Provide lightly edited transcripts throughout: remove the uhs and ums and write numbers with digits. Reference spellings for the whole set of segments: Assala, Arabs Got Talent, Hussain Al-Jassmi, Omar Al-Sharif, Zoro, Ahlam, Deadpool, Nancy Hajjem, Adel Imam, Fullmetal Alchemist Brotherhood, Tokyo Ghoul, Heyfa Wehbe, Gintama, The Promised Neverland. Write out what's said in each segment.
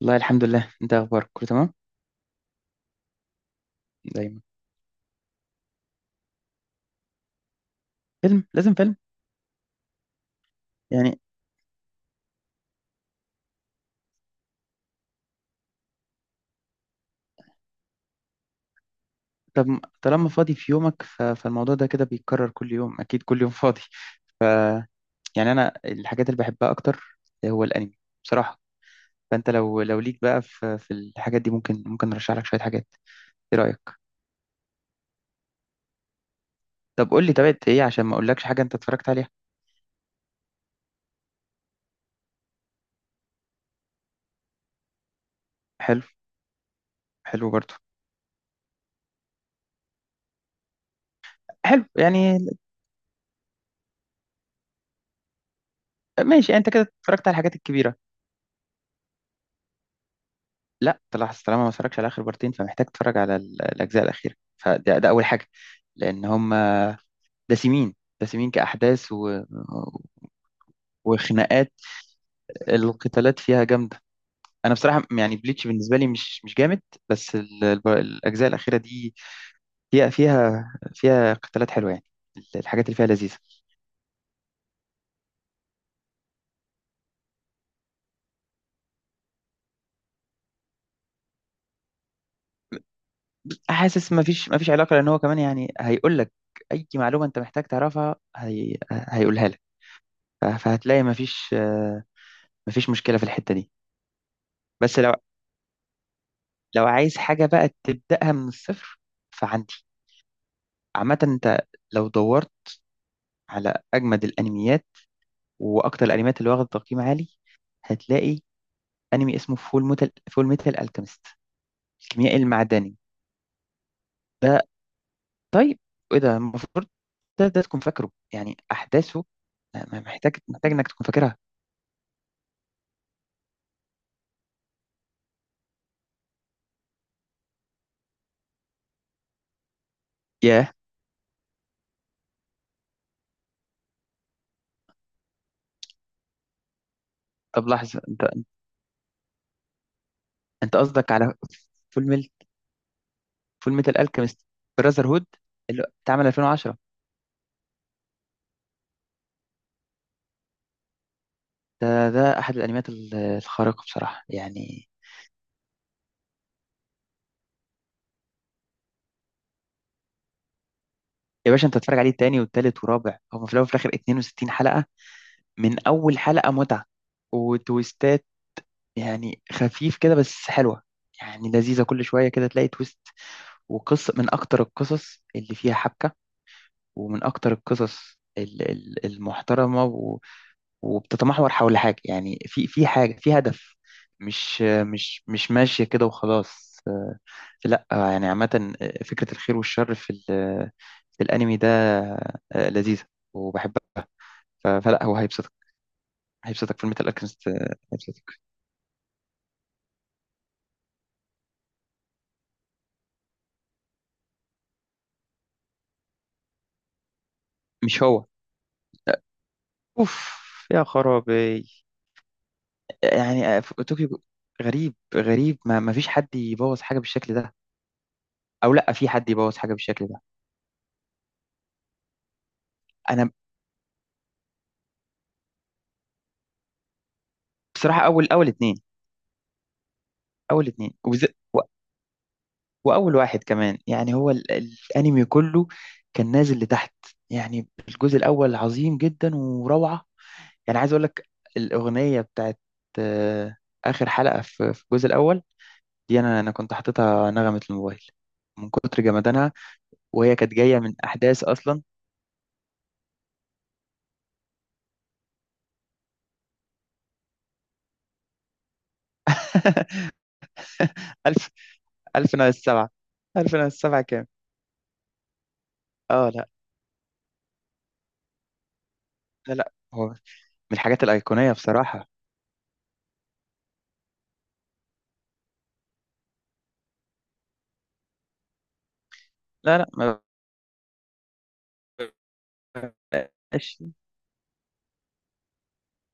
والله الحمد لله. انت إيه اخبارك؟ كله تمام دايما. فيلم؟ لازم فيلم يعني. طب طالما فاضي في يومك فالموضوع ده كده بيتكرر كل يوم، اكيد كل يوم فاضي يعني. انا الحاجات اللي بحبها اكتر هو الانمي بصراحة. فانت لو ليك بقى في الحاجات دي، ممكن ارشح لك شوية حاجات. ايه رأيك؟ طب قول لي تابعت ايه عشان ما اقولكش حاجة انت اتفرجت عليها. حلو. حلو برضو. حلو يعني. ماشي، انت كده اتفرجت على الحاجات الكبيرة. لا، طلع طالما ما اتفرجش على اخر بارتين، فمحتاج تتفرج على الاجزاء الاخيرة، ده اول حاجة. لان هم دسمين، دسمين كأحداث وخناقات. القتالات فيها جامدة. أنا بصراحة يعني بليتش بالنسبة لي مش جامد، بس الأجزاء الأخيرة دي هي فيها، فيها قتالات حلوة يعني. الحاجات اللي فيها لذيذة. حاسس ما فيش علاقة، لأن هو كمان يعني هيقول لك أي معلومة أنت محتاج تعرفها هيقولها لك. فهتلاقي ما فيش ما فيش مشكلة في الحتة دي. بس لو، لو عايز حاجة بقى تبدأها من الصفر، فعندي. عامة أنت لو دورت على أجمد الأنميات وأكتر الأنميات اللي واخدة تقييم عالي، هتلاقي أنمي اسمه فول ميتال ألكيميست، الكيميائي المعدني ده. طيب إيه ده؟ المفروض ده تكون فاكره يعني أحداثه. آه، محتاج إنك تكون فاكرها. ياه. طب لحظة أنت، أنت قصدك على فول ميل، فول ميتال ألكيميست براذر هود اللي اتعمل 2010؟ ده ده أحد الأنميات الخارقة بصراحة يعني. يا باشا انت تتفرج عليه تاني والتالت ورابع، هو في الاول وفي الاخر 62 حلقه. من اول حلقة متعة وتويستات. يعني خفيف كده بس حلوة يعني، لذيذة. كل شوية كده تلاقي تويست. وقصة من اكتر القصص اللي فيها حبكة، ومن اكتر القصص المحترمة وبتتمحور حول حاجة يعني، في حاجة، في هدف. مش مش ماشية كده وخلاص، لا يعني. عامة فكرة الخير والشر في الأنمي ده لذيذة وبحبها. فلا، هو هيبسطك. هيبسطك فيلم الألكيميست. هيبسطك. مش هو؟ اوف، يا خرابي يعني. طوكيو. غريب، غريب ما فيش حد يبوظ حاجه بالشكل ده. او لا، في حد يبوظ حاجه بالشكل ده. انا بصراحه، اول اتنين، اول اتنين وز... و... واول واحد كمان يعني. هو الانمي كله كان نازل لتحت. يعني الجزء الاول عظيم جدا وروعه. يعني عايز اقول لك، الاغنيه بتاعت آه، اخر حلقه في الجزء الاول دي، انا كنت حاططها نغمه الموبايل من كتر جمدانها. وهي كانت جاية من أحداث أصلا. ألف، ألف ناقص سبعة، ألف ناقص سبعة كام؟ اه لا. لا لا، هو من الحاجات الأيقونية بصراحة. لا لا ما بقاش.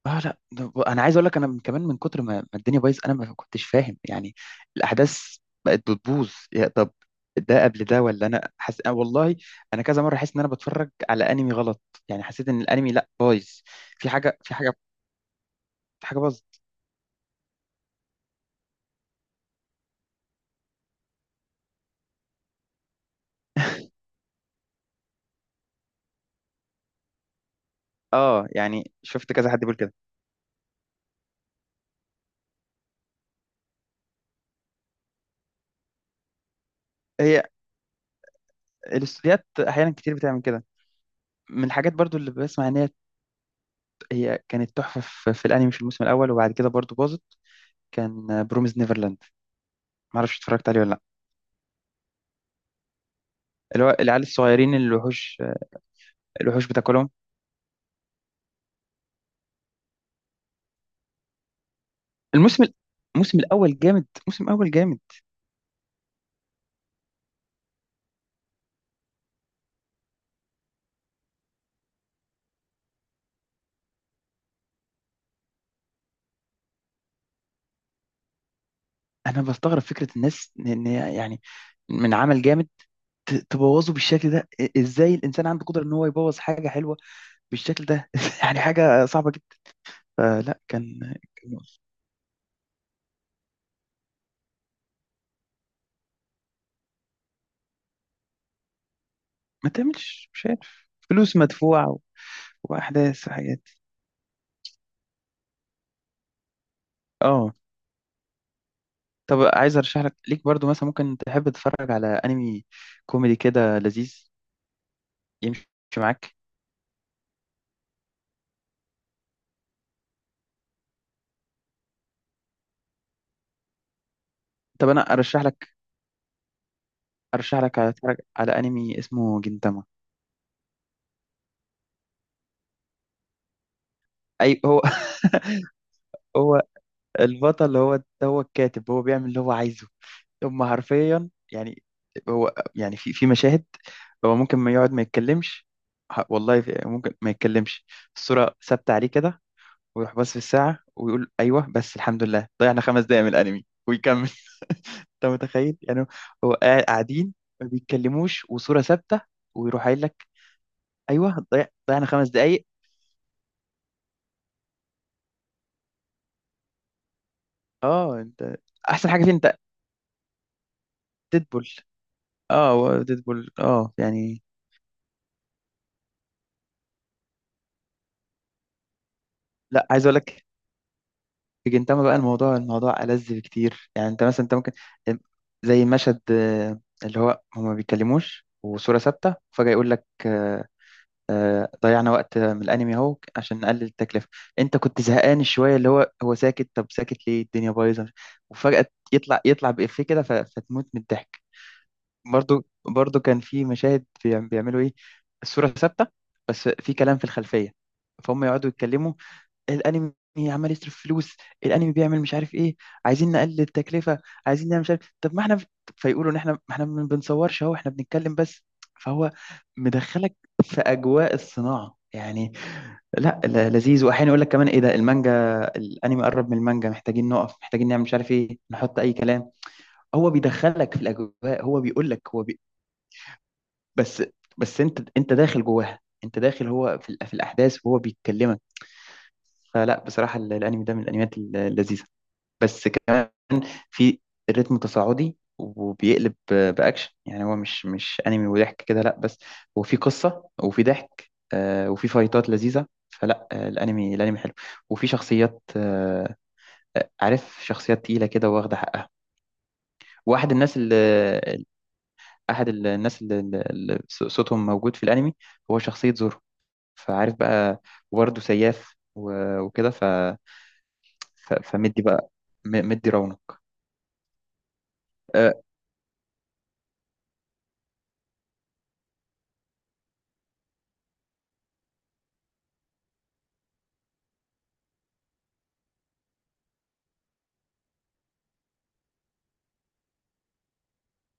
اه لا، انا عايز اقول لك، انا كمان من كتر ما الدنيا بايظ، انا ما كنتش فاهم يعني. الاحداث بقت بتبوظ يا طب. ده قبل ده ولا انا أنا والله انا كذا مره حاسس ان انا بتفرج على انمي غلط. يعني حسيت ان الانمي لا، بايظ. في حاجه، في حاجه، في حاجه باظت. اه يعني شفت كذا حد بيقول كده. هي الاستوديوهات احيانا كتير بتعمل كده. من الحاجات برضو اللي بسمع ان هي، هي كانت تحفه في الانمي في الموسم الاول، وبعد كده برضو باظت. كان بروميز نيفرلاند، ما اعرفش اتفرجت عليه ولا لا؟ اللي هو العيال الصغيرين اللي الوحوش، الوحوش بتاكلهم. الموسم الموسم الاول جامد، الموسم الاول جامد. انا بستغرب فكره الناس ان إن هي يعني، من عمل جامد تبوظه بالشكل ده. ازاي الانسان عنده قدره ان هو يبوظ حاجه حلوه بالشكل ده؟ يعني حاجه صعبه جدا. فلا، ما تعملش، مش عارف، فلوس مدفوعة واحداث وحاجات. اه. طب عايز ارشح لك، ليك برضو مثلا، ممكن تحب تتفرج على انمي كوميدي كده لذيذ يمشي معاك؟ طب انا ارشح لك، ارشح لك على تتفرج على انمي اسمه جنتاما. اي هو. هو البطل، هو هو الكاتب، هو بيعمل اللي هو عايزه. هم حرفيا يعني. هو يعني في مشاهد، هو ممكن ما يقعد ما يتكلمش. والله ممكن ما يتكلمش. الصورة ثابتة عليه كده، ويروح باص في الساعة ويقول أيوه بس الحمد لله ضيعنا خمس دقايق من الأنمي ويكمل. أنت متخيل يعني؟ هو قاعدين ما بيتكلموش وصورة ثابتة، ويروح قايل لك أيوه، ضيعنا خمس دقايق. أه أنت، أحسن حاجة فيه أنت. ديدبول. أه هو ديدبول، أه يعني. لا عايز أقول لك، في جنتاما بقى، الموضوع ألذ بكتير. يعني أنت مثلا أنت ممكن، زي مشهد اللي هو هما ما بيتكلموش وصورة ثابتة، فجأة يقول لك ضيعنا وقت من الانمي اهو عشان نقلل التكلفه. انت كنت زهقان شويه اللي هو هو ساكت، طب ساكت ليه؟ الدنيا بايظه. وفجاه يطلع بإفيه كده، فتموت من الضحك. برضو، برضو كان في مشاهد بيعملوا ايه؟ الصوره ثابته بس في كلام في الخلفيه، فهم يقعدوا يتكلموا. الانمي عمال يصرف فلوس، الانمي بيعمل مش عارف ايه، عايزين نقلل التكلفه، عايزين نعمل مش عارف، طب ما احنا. فيقولوا ان احنا، ما احنا ما بنصورش اهو، احنا بنتكلم بس. فهو مدخلك في اجواء الصناعه يعني. لذيذ، واحيانا يقول لك كمان ايه ده، المانجا، الانمي قرب من المانجا، محتاجين نقف، محتاجين نعمل مش عارف ايه، نحط اي كلام. هو بيدخلك في الاجواء. هو بيقول لك، بس، بس انت، انت داخل جواها، انت داخل، هو في الاحداث وهو بيتكلمك. فلا بصراحة الأنمي ده من الأنميات اللذيذة، بس كمان في الريتم تصاعدي وبيقلب بأكشن. يعني هو مش أنمي وضحك كده لا، بس هو في قصة وفي ضحك آه، وفي فايتات لذيذة. فلا آه، الأنمي حلو. وفي شخصيات عارف، شخصيات تقيلة كده واخدة حقها. واحد الناس اللي أحد الناس اللي، اللي صوتهم موجود في الأنمي، هو شخصية زورو. فعارف بقى، وبرضه سياف وكده. فمدي بقى، مدي رونق آه،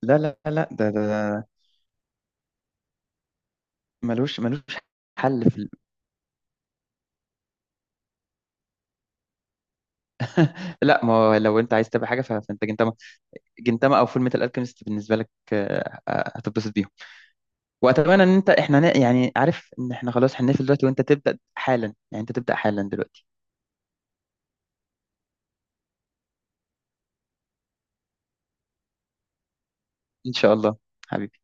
لا لا لا. ده ده ده ملوش، ملوش حل لا ما هو لو انت عايز تبقى حاجه، فانت جنتاما، جنتاما او فول ميتال الكيمست بالنسبه لك آه، آه، هتتبسط بيهم. واتمنى ان انت احنا يعني عارف ان احنا خلاص هنقفل دلوقتي وانت تبدا حالا، يعني انت تبدا حالا دلوقتي. ان شاء الله، حبيبي.